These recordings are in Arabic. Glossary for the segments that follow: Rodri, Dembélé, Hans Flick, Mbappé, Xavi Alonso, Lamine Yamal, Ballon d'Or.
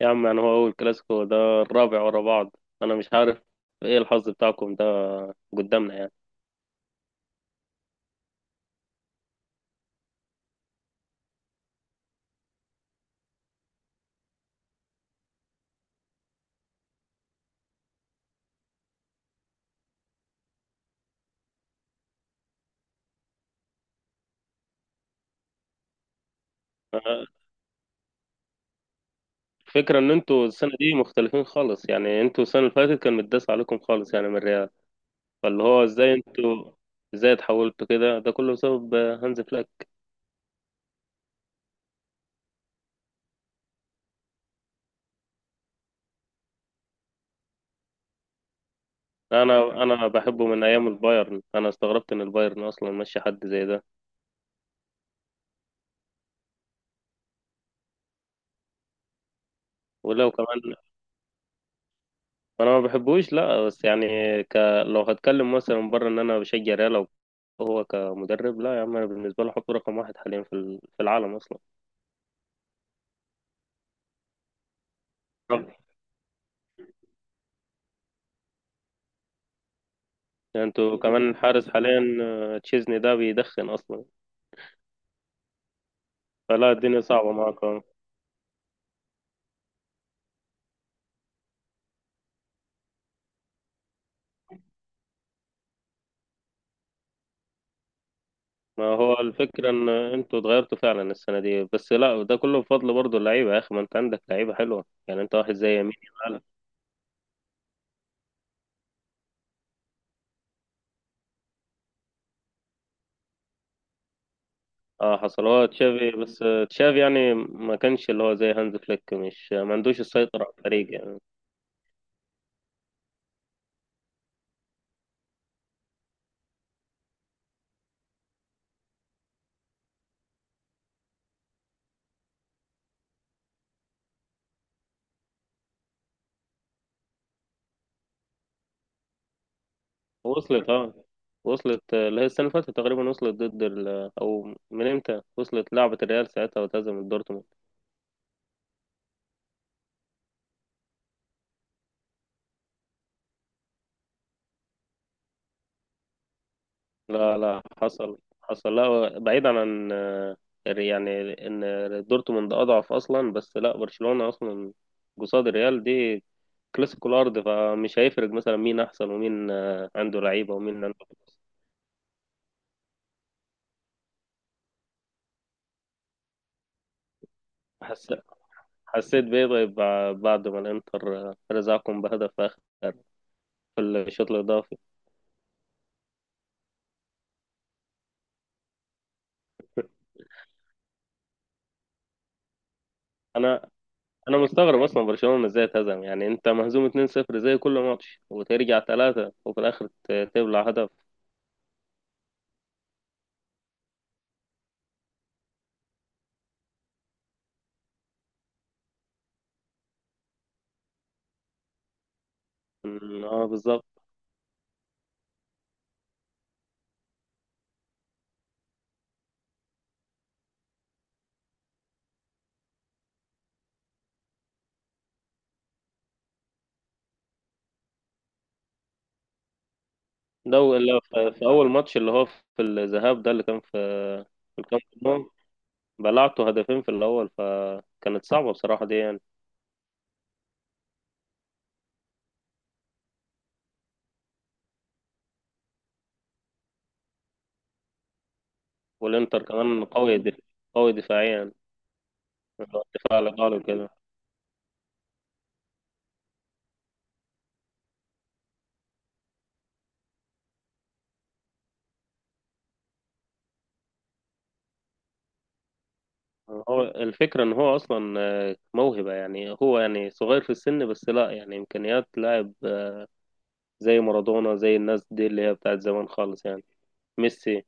يا عم، يعني هو أول كلاسيكو؟ ده الرابع ورا بعض. أنا مش عارف إيه الحظ بتاعكم ده قدامنا يعني. آه، الفكرة إن أنتوا السنة دي مختلفين خالص، يعني أنتوا السنة اللي فاتت كان متداس عليكم خالص يعني من الريال. فاللي هو إزاي اتحولتوا كده؟ ده كله بسبب هانز فليك. أنا بحبه من أيام البايرن. أنا استغربت إن البايرن أصلا ماشي حد زي ده. ولو كمان انا ما بحبوش، لا بس يعني ك... لو هتكلم مثلا من بره ان انا بشجع ريال، هو كمدرب، لا يا عم، انا بالنسبه له حط رقم واحد حاليا في العالم اصلا. طب يعني انتوا كمان الحارس حاليا، تشيزني ده بيدخن اصلا. فلا الدنيا صعبه معاكم. ما هو الفكره ان انتوا اتغيرتوا فعلا السنه دي، بس لا ده كله بفضل برضه اللعيبه يا اخي. ما انت عندك لعيبه حلوه، يعني انت واحد زي يمين يامال. اه حصلوها تشافي، بس تشافي يعني ما كانش اللي هو زي هانز فليك، مش ما عندوش السيطره على الفريق يعني. وصلت اه وصلت اللي هي السنة اللي فاتت تقريبا وصلت ضد أو من إمتى وصلت لعبة الريال ساعتها وتهزم دورتموند. لا لا، حصل حصل، لا بعيدا عن يعني إن دورتموند أضعف أصلا، بس لا برشلونة أصلا قصاد الريال. دي كلاسيكو الأرض، فمش هيفرق مثلا مين أحسن ومين عنده لعيبة ومين عنده فلوس. حس... حسيت بإيه طيب بعد ما الإنتر رزعكم بهدف آخر في الشوط الإضافي؟ أنا مستغرب اصلا برشلونة ازاي اتهزم، يعني انت مهزوم 2-0 زي كل ماتش وترجع 3 وفي الاخر تبلع هدف. اه بالظبط. لو في اول ماتش اللي هو في الذهاب ده اللي كان في في الكامب نو بلعته هدفين في الاول، فكانت صعبة بصراحة دي يعني. والانتر كمان قوي قوي دفاعيا، الدفاع الايطالي وكده. هو الفكرة ان هو اصلا موهبة، يعني هو يعني صغير في السن، بس لا يعني امكانيات لاعب زي مارادونا زي الناس دي اللي هي بتاعت زمان خالص يعني. ميسي.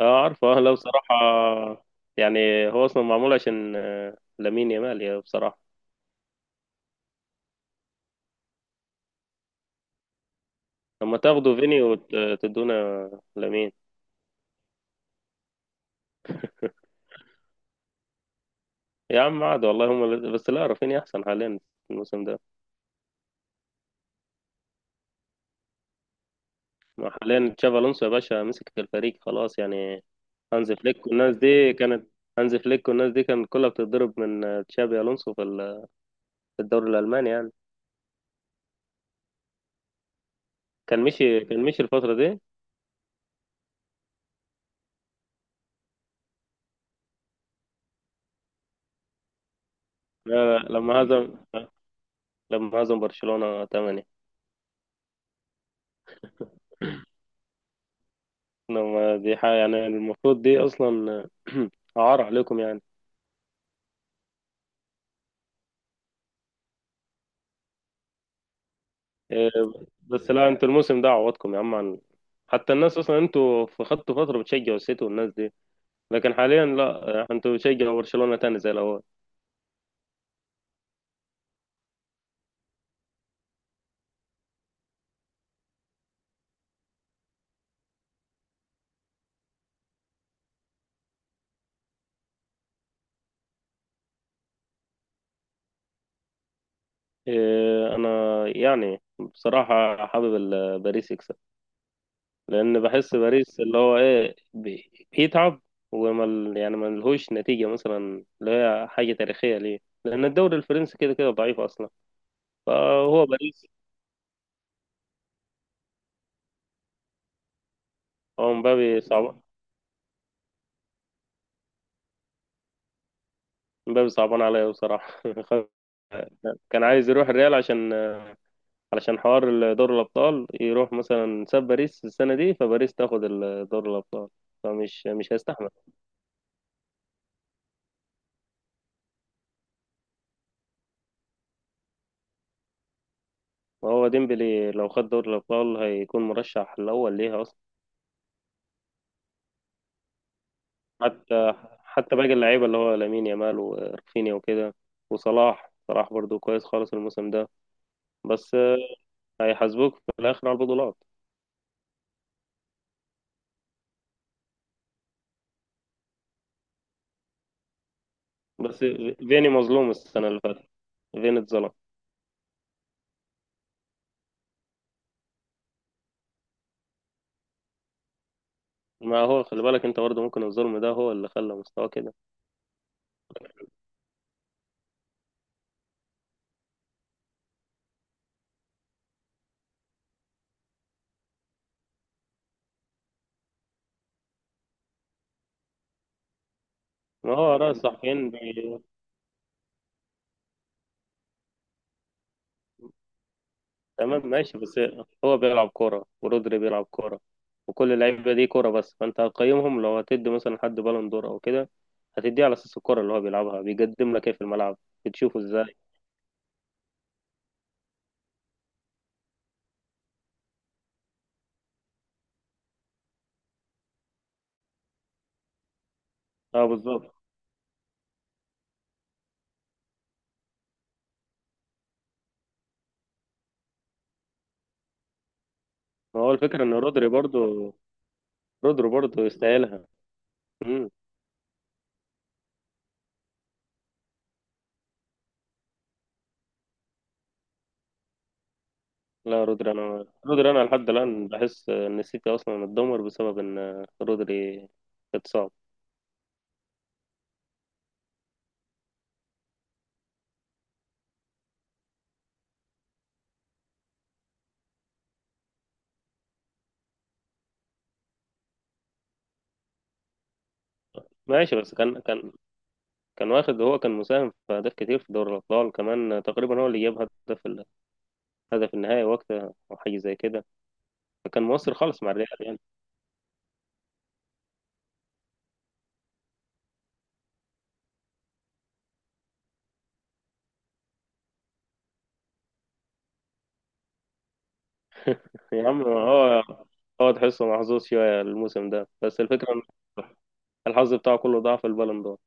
اه عارفه لو بصراحة، يعني هو اصلا معمول عشان لامين يامال يا بصراحة. لما تاخدوا فيني وتدونا لامين. يا عم عاد والله بس لا رافينيا احسن حاليا الموسم ده. ما حاليا تشافي الونسو يا باشا مسك الفريق خلاص يعني. هانز فليك والناس دي كانت هانز فليك والناس دي كانت كلها بتتضرب من تشابي الونسو في الدوري الالماني يعني. كان مشي كان مشي الفترة دي. لا لا، لما هزم لما هزم برشلونة 8. لما دي حاجة يعني المفروض دي أصلا عار عليكم يعني. إيه، بس لا انتوا الموسم ده عوضكم يا عم عن حتى الناس أصلا. انتوا في خدتوا فترة بتشجعوا السيتي والناس دي، لكن حاليا لا، انتوا بتشجعوا برشلونة تاني زي الأول. إيه، أنا يعني بصراحة حابب باريس يكسب، لأن بحس باريس اللي هو إيه بيتعب وما يعني ما لهوش نتيجة مثلا اللي هي حاجة تاريخية ليه، لأن الدوري الفرنسي كده كده ضعيف أصلا. فهو باريس. هو مبابي صعبان عليا بصراحة كان عايز يروح الريال علشان حوار دور الأبطال، يروح مثلا ساب باريس السنة دي فباريس تاخد دور الأبطال. فمش مش هيستحمل. وهو ديمبلي لو خد دور الأبطال هيكون مرشح الأول ليها أصلا. حتى حتى باقي اللعيبة اللي هو لامين يامال ورفينيا وكده، وصلاح صلاح برضو كويس خالص الموسم ده. بس هيحاسبوك في الآخر على البطولات. بس فيني مظلوم السنة اللي فاتت، فيني اتظلم. ما هو خلي بالك انت برضه ممكن الظلم ده هو اللي خلى مستواه كده. ما هو رأي الصحفيين. تمام ماشي بس. هو بيلعب كورة ورودري بيلعب كورة، وكل اللعيبة دي كورة، بس فانت هتقيمهم لو هتدي مثلا حد بالون دور او كده، هتديه على اساس الكورة اللي هو بيلعبها، بيقدم لك ايه في الملعب، بتشوفه ازاي؟ اه بالظبط. ما هو الفكرة ان رودري برضه يستاهلها. مم. لا رودري، انا لحد الان بحس ان السيتي اصلا اتدمر بسبب ان رودري اتصاب. ماشي بس كان واخد، هو كان مساهم في أهداف كتير في دوري الأبطال كمان، تقريبا هو اللي جاب هدف ال- هدف النهائي وقتها أو حاجة زي كده. فكان مؤثر خالص مع الريال يعني. يا عم هو تحسه محظوظ شوية الموسم ده، بس الفكرة إن الحظ بتاعه كله ضاع في البالون دور.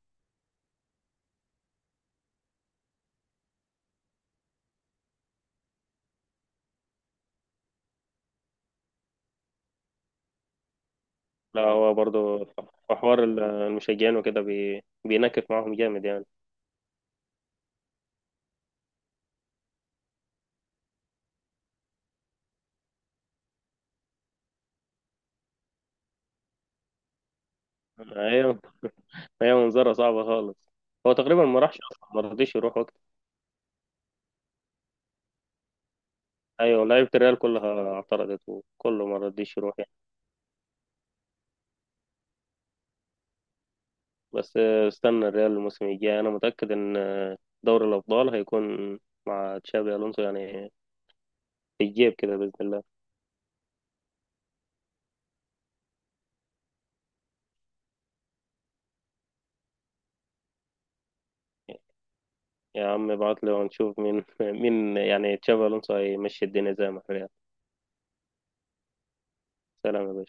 لا هو برضه في حوار المشجعين وكده بينكف معاهم جامد يعني. أيوة، هي منظرة صعبة خالص. هو تقريبا ما راحش أصلا، ما رضيش يروح وقت. أيوة، لعيبة الريال كلها اعترضت وكله ما رضيش يروح. بس استنى الريال الموسم الجاي، انا متأكد ان دوري الابطال هيكون مع تشابي الونسو يعني في الجيب كده باذن الله. يا عم ابعت لي ونشوف مين مين يعني تشابي الونسو هيمشي الدنيا زي ما الريال. سلام يا باشا.